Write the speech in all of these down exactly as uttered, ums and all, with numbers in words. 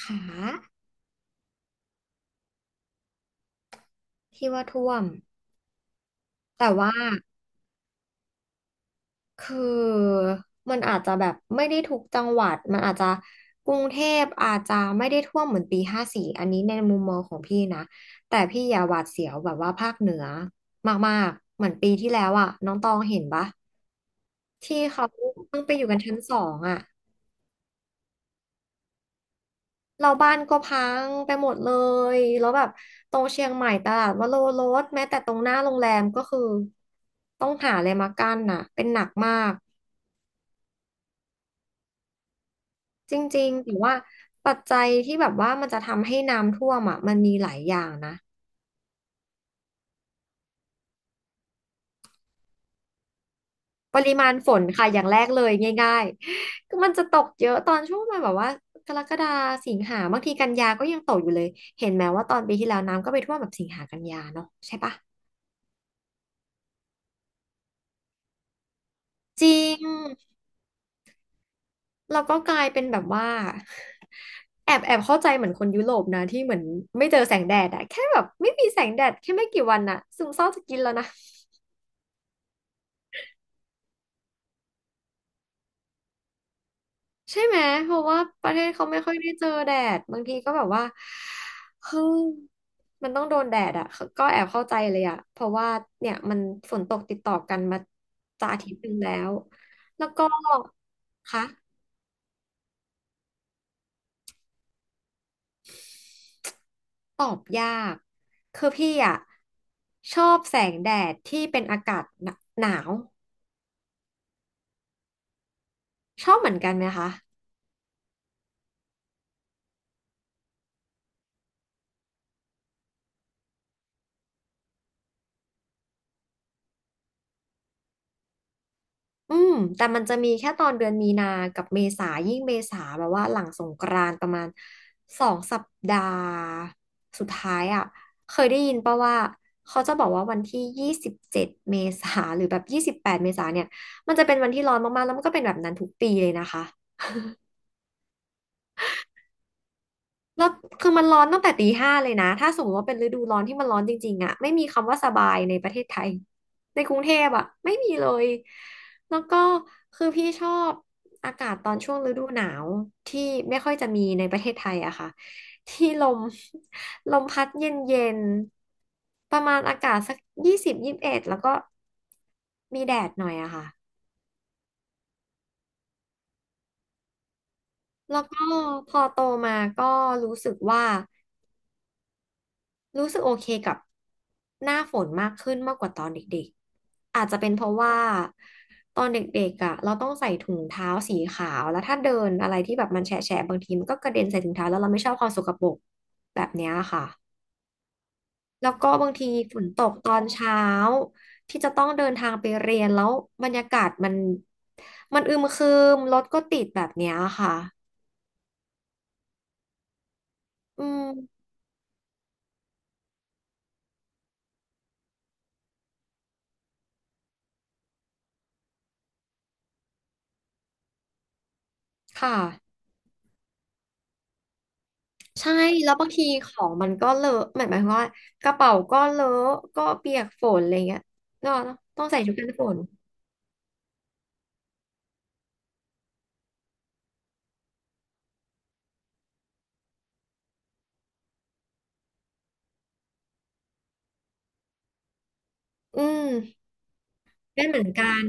ขาที่ว่าท่วมแต่ว่าคือมันอาจจะแบบไม่ได้ทุกจังหวัดมันอาจจะกรุงเทพอาจจะไม่ได้ท่วมเหมือนปีห้าสี่อันนี้ในมุมมองของพี่นะแต่พี่อย่าหวาดเสียวแบบว่าภาคเหนือมากๆเหมือนปีที่แล้วอ่ะน้องตองเห็นปะที่เขาเพิ่งไปอยู่กันชั้นสองอ่ะเราบ้านก็พังไปหมดเลยแล้วแบบตรงเชียงใหม่ตลาดวโรรสแม้แต่ตรงหน้าโรงแรมก็คือต้องหาอะไรมากั้นน่ะเป็นหนักมาก จริงๆแต่ว่าปัจจัยที่แบบว่ามันจะทำให้น้ำท่วมอ่ะมันมีหลายอย่างนะปริมาณฝนค่ะอย่างแรกเลยง่ายๆก็มันจะตกเยอะตอนช่วงประมันแบบว่ากรกฎาสิงหาบางทีกันยาก็ยังตกอยู่เลยเห็นไหมว่าตอนปีที่แล้วน้ำก็ไปท่วมแบบสิงหากันยาเนาะใช่ปะจริงเราก็กลายเป็นแบบว่า แอบแอบเข้าใจเหมือนคนยุโรปนะที่เหมือนไม่เจอแสงแดดอะแค่แบบไม่มีแสงแดดแค่ไม่กี่วันอะซึมเศร้าจะกินแล้วนะ ใช่ไหมเพราะว่าประเทศเขาไม่ค่อยได้เจอแดดบางทีก็แบบว่าเฮ้ยมันต้องโดนแดดอ่ะก็แอบเข้าใจเลยอ่ะเพราะว่าเนี่ยมันฝนตกติดต่อกันมาจะอาทิตย์หนึงแล้วแล้วก็คะตอบยากคือพี่อ่ะชอบแสงแดดที่เป็นอากาศหนหนาวชอบเหมือนกันไหมคะ อืมแต่มันจะมีแค่ตอนเดือนมีนา กับเมษา ยิ่งเมษาแบบว่าหลังสงกรานต์ประมาณสองสัปดาห์สุดท้ายอ่ะเคยได้ยินป่ะว่าเขาจะบอกว่าวันที่ยี่สิบเจ็ดเมษาหรือแบบยี่สิบแปดเมษาเนี่ยมันจะเป็นวันที่ร้อนมากๆแล้วมันก็เป็นแบบนั้นทุกปีเลยนะคะ แล้วคือมันร้อนตั้งแต่ตีห้าเลยนะถ้าสมมติว่าเป็นฤดูร้อนที่มันร้อนจริงๆอะไม่มีคำว่าสบายในประเทศไทยในกรุงเทพอะไม่มีเลยแล้วก็คือพี่ชอบอากาศตอนช่วงฤดูหนาวที่ไม่ค่อยจะมีในประเทศไทยอะค่ะที่ลม ลมพัดเย็นๆประมาณอากาศสักยี่สิบยี่สิบเอ็ดแล้วก็มีแดดหน่อยอะค่ะแล้วก็พอโตมาก็รู้สึกว่า รู้สึกโอเคกับหน้าฝนมากขึ้นมากกว่าตอนเด็กๆอาจจะเป็นเพราะว่าตอนเด็กๆอ่ะเราต้องใส่ถุงเท้าสีขาวแล้วถ้าเดินอะไรที่แบบมันแฉะๆบางทีมันก็กระเด็นใส่ถุงเท้าแล้วเราไม่ชอบความสกปรกแบบเนี้ยค่ะแล้วก็บางทีฝนตกตอนเช้าที่จะต้องเดินทางไปเรียนแล้วบรรยากาศมันมันอึมครึมรถก็ติดแบบเนี้ยค่ะอืมค่ะ ใช่แล้วบางทีของมันก็เลอะหมายหมายความว่ากระเป๋าก็เลอะก็เปียกฝนอะไรเงี้ยเนาะต้องใส่ชุดกันฝนอืมเป็นเหมือนกัน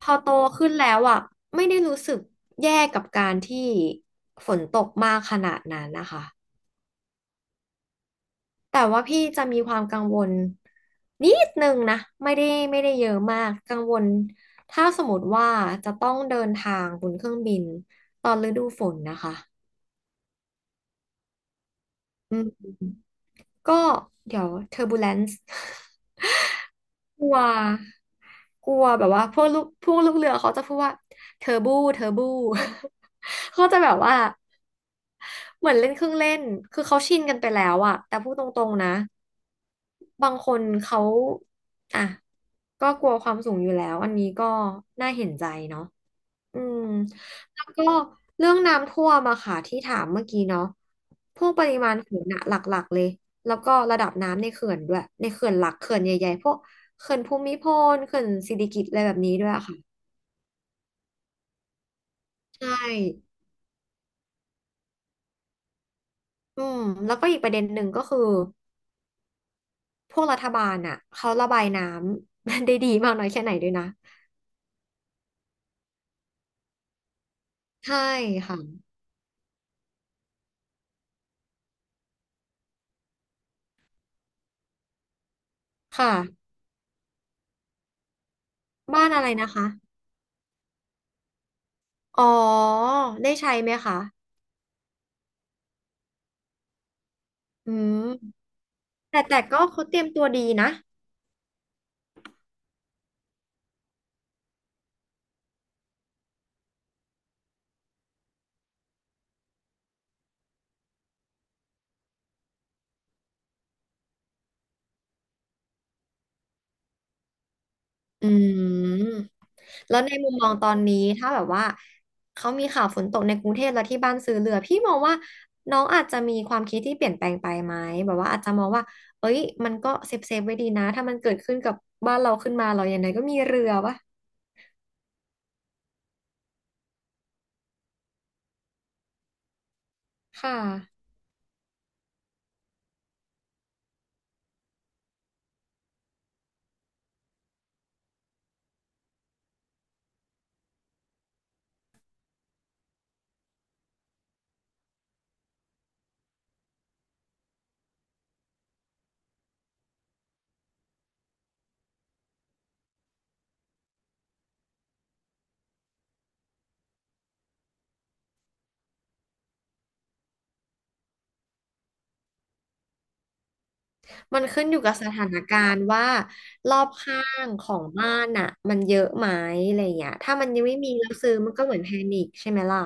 พอโตขึ้นแล้วอ่ะไม่ได้รู้สึกแย่กับการที่ฝนตกมากขนาดนั้นนะคะแต่ว่าพี่จะมีความกังวลนิดนึงนะไม่ได้ไม่ได้เยอะมากกังวลถ้าสมมติว่าจะต้องเดินทางบนเครื่องบินตอนฤดูฝนนะคะอืม ก็เดี๋ยวเทอร์บ e เลน์ กลัวกลัวแบบว่าพวกลูกพวกลูกเรือเขาจะพูดว่าเทอร์บูเทอร์บู เขาจะแบบว่าเหมือนเล่นเครื่องเล่นคือเขาชินกันไปแล้วอะแต่พูดตรงๆนะบางคนเขาอ่ะก็กลัวความสูงอยู่แล้วอันนี้ก็น่าเห็นใจเนาะ อืมแล้วก็เรื่องน้ำท่วมอะค่ะที่ถามเมื่อกี้เนาะพวกปริมาณฝนอะหลักๆเลยแล้วก็ระดับน้ำในเขื่อนด้วยในเขื่อนหลักเขื่อนใหญ่ๆพวกเขื่อนภูมิพลเขื่อนสิริกิติ์อะไรแบบนี้ด้วยอะค่ะใช่อืมแล้วก็อีกประเด็นหนึ่งก็คือพวกรัฐบาลอะเขาระบายน้ำ ได้ดีมากน้อยแค่ไหนด้วยนะใช่ค่ะค่ะบ้านอะไรนะคะอ๋อได้ใช้ไหมคะอืมแต่แต่ก็เขาเตรียมตัวดีนะ อืมแล้วในมุมมองตอนนี้ถ้าแบบว่าเขามีข่าวฝนตกในกรุงเทพแล้วที่บ้านซื้อเรือพี่มองว่าน้องอาจจะมีความคิดที่เปลี่ยนแปลงไปไหมแบบว่าอาจจะมองว่าเอ้ยมันก็เซฟเซฟไว้ดีนะถ้ามันเกิดขึ้นกับบ้านเราขึ้นมาเราอย่างไรก็มีเรือวะค่ะมันขึ้นอยู่กับสถานการณ์ว่ารอบข้างของบ้านน่ะมันเยอะไหมอะไรอย่างเงี้ยถ้ามันยังไม่มีแล้วซื้อมันก็เหมือนแพนิคใช่ไหมล่ะ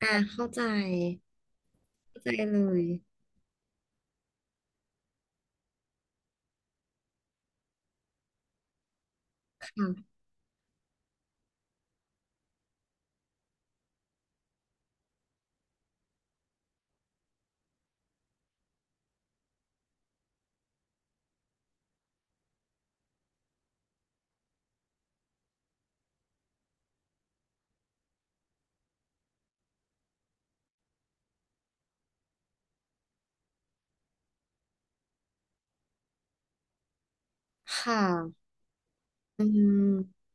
อ่าเข้าใจเข้าใจเลยค่ะค่ะ อืม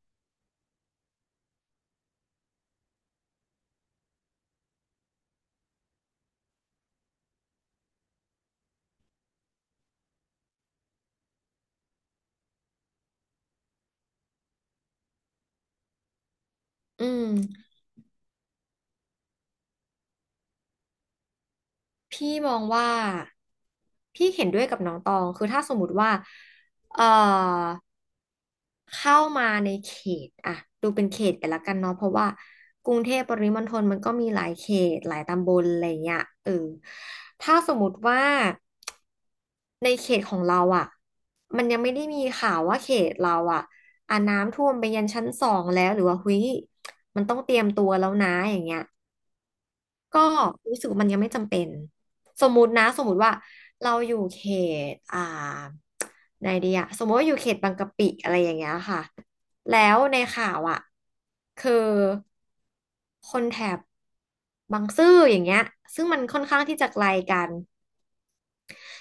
อืมพี่มองว่าพี่เห็นด้วยกับน้องตองคือถ้าสมมติว่าเอ่อเข้ามาในเขตอ่ะดูเป็นเขตไปละกันเนาะเพราะว่ากรุงเทพปริมณฑลมันก็มีหลายเขตหลายตำบลอะไรเงี้ยเออถ้าสมมติว่าในเขตของเราอ่ะมันยังไม่ได้มีข่าวว่าเขตเราอ่ะอ่ะน้ำท่วมไปยันชั้นสองแล้วหรือว่าหุ้ยมันต้องเตรียมตัวแล้วนะอย่างเงี้ย ก็รู้สึกว่ามันยังไม่จำเป็นสมมุตินะสมมุติว่าเราอยู่เขตอ่าไหนดีอะสมมติว่าอยู่เขตบางกะปิอะไรอย่างเงี้ยค่ะแล้วในข่าวอะคือคนแถบบางซื่ออย่างเงี้ยซึ่งมันค่อนข้างที่จะไกลกัน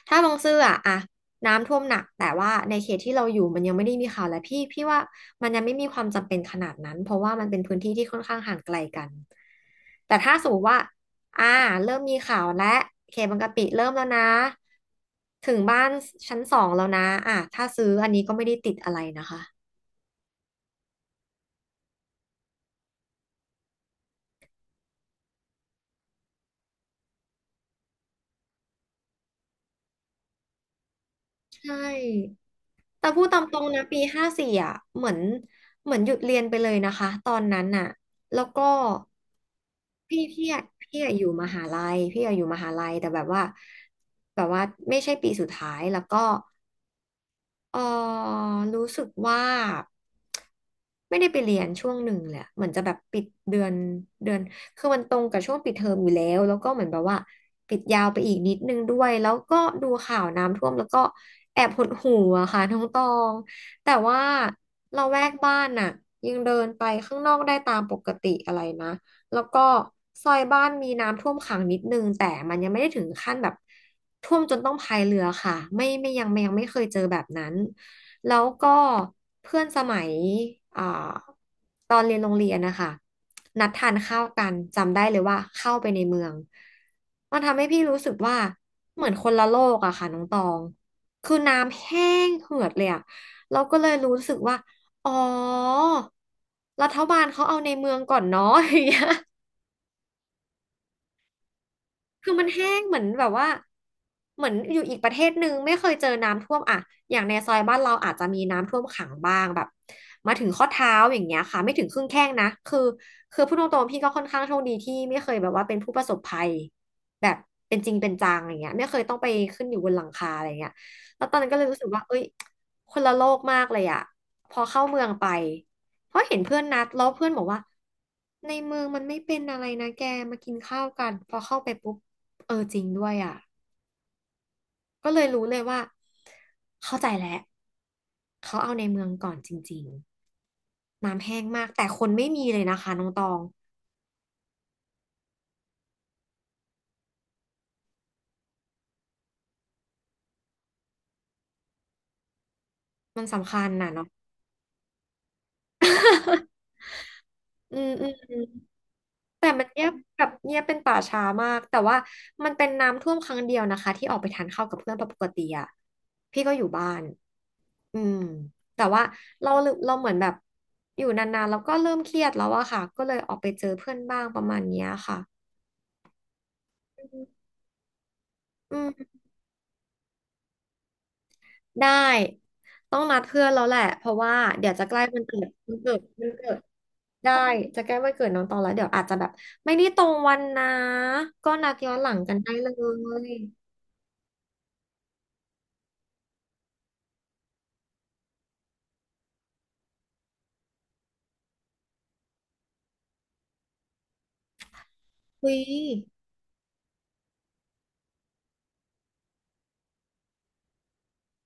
ถ้าบางซื่ออะอะน้ำท่วมหนักแต่ว่าในเขตที่เราอยู่มันยังไม่ได้มีข่าวและพี่พี่ว่ามันยังไม่มีความจำเป็นขนาดนั้นเพราะว่ามันเป็นพื้นที่ที่ค่อนข้างห่างไกลกันแต่ถ้าสมมติว่าอ่าเริ่มมีข่าวและเขตบางกะปิเริ่มแล้วนะถึงบ้านชั้นสองแล้วนะอ่ะถ้าซื้ออันนี้ก็ไม่ได้ติดอะไรนะคะใช่ แต่พูดตามตรงนะปีห้าสี่อ่ะเหมือนเหมือนหยุดเรียนไปเลยนะคะตอนนั้นน่ะแล้วก็พี่พี่อะพี่อะอยู่มหาลัยพี่อะอยู่มหาลัยแต่แบบว่าแบบว่าไม่ใช่ปีสุดท้ายแล้วก็ เออรู้สึกว่าไม่ได้ไปเรียนช่วงหนึ่งเลยอะเหมือนจะแบบปิดเดือนเดือนคือมันตรงกับช่วงปิดเทอมอยู่แล้วแล้วก็เหมือนแบบว่าปิดยาวไปอีกนิดนึงด้วยแล้วก็ดูข่าวน้ำท่วมแล้วก็แอบหดหู่อะค่ะน้องตองแต่ว่าเราแวกบ้านน่ะยังเดินไปข้างนอกได้ตามปกติอะไรนะ แล้วก็ซอยบ้านมีน้ำท่วมขังนิดนึงแต่มันยังไม่ได้ถึงขั้นแบบท่วมจนต้องพายเรือค่ะไม่ไม่ยังไม่ยังไม่เคยเจอแบบนั้นแล้วก็เพื่อนสมัยอ่าตอนเรียนโรงเรียนนะคะนัดทานข้าวกันจำได้เลยว่าเข้าไปในเมืองมันทำให้พี่รู้สึกว่าเหมือนคนละโลกอะค่ะน้องตองคือน้ำแห้งเหือดเลยอะเราก็เลยรู้สึกว่าอ๋อรัฐบาลเขาเอาในเมืองก่อนเนาะอย่างเงี้ย คือมันแห้งเหมือนแบบว่าเหมือนอยู่อีกประเทศหนึ่งไม่เคยเจอน้ำท่วมอ่ะอย่างในซอยบ้านเราอาจจะมีน้ำท่วมขังบ้างแบบมาถึงข้อเท้าอย่างเงี้ยค่ะไม่ถึงครึ่งแข้งนะคือคือพูดตรงๆพี่ก็ค่อนข้างโชคดีที่ไม่เคยแบบว่าเป็นผู้ประสบภัยแบบเป็นจริงเป็นจังอย่างเงี้ยไม่เคยต้องไปขึ้นอยู่บนหลังคาอะไรเงี้ยแล้วตอนนั้นก็เลยรู้สึกว่าเอ้ยคนละโลกมากเลยอะพอเข้าเมืองไป เพราะเห็นเพื่อนนัดแล้วเพื่อนบอกว่าในเมืองมันไม่เป็นอะไรนะแกมากินข้าวกันพอเข้าไปปุ๊บเออจริงด้วยอ่ะก็เลยรู้เลยว่าเข้าใจแล้วเขาเอาในเมืองก่อนจริงๆน้ำแห้งมากแต่คนไม่มีเลยนะคะน้องตอง อืมอืม แต่มันเงียบแบบเงียบเป็นป่าช้ามากแต่ว่ามันเป็นน้ำท่วมครั้งเดียวนะคะที่ออกไปทานข้าวกับเพื่อนปกติอะพี่ก็อยู่บ้านอืมแต่ว่าเราเราเหมือนแบบอยู่นานๆแล้วก็เริ่มเครียดแล้วอะค่ะก็เลยออกไปเจอเพื่อนบ้างประมาณเนี้ยค่ะอืมได้ต้องนัดเพื่อนแล้วแหละเพราะว่าเดี๋ยวจะใกล้วันเกิดวันเกิดวันเกิดได้จะใกล้วันเกิดน้องตองแล้วเดี๋ยวอาจจะแบบไม่ได้ตรงวันนะก็นัดย้อนหลังกันได้เลยคุย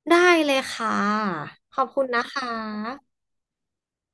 ได้เลยค่ะ ขอบคุณนะคะ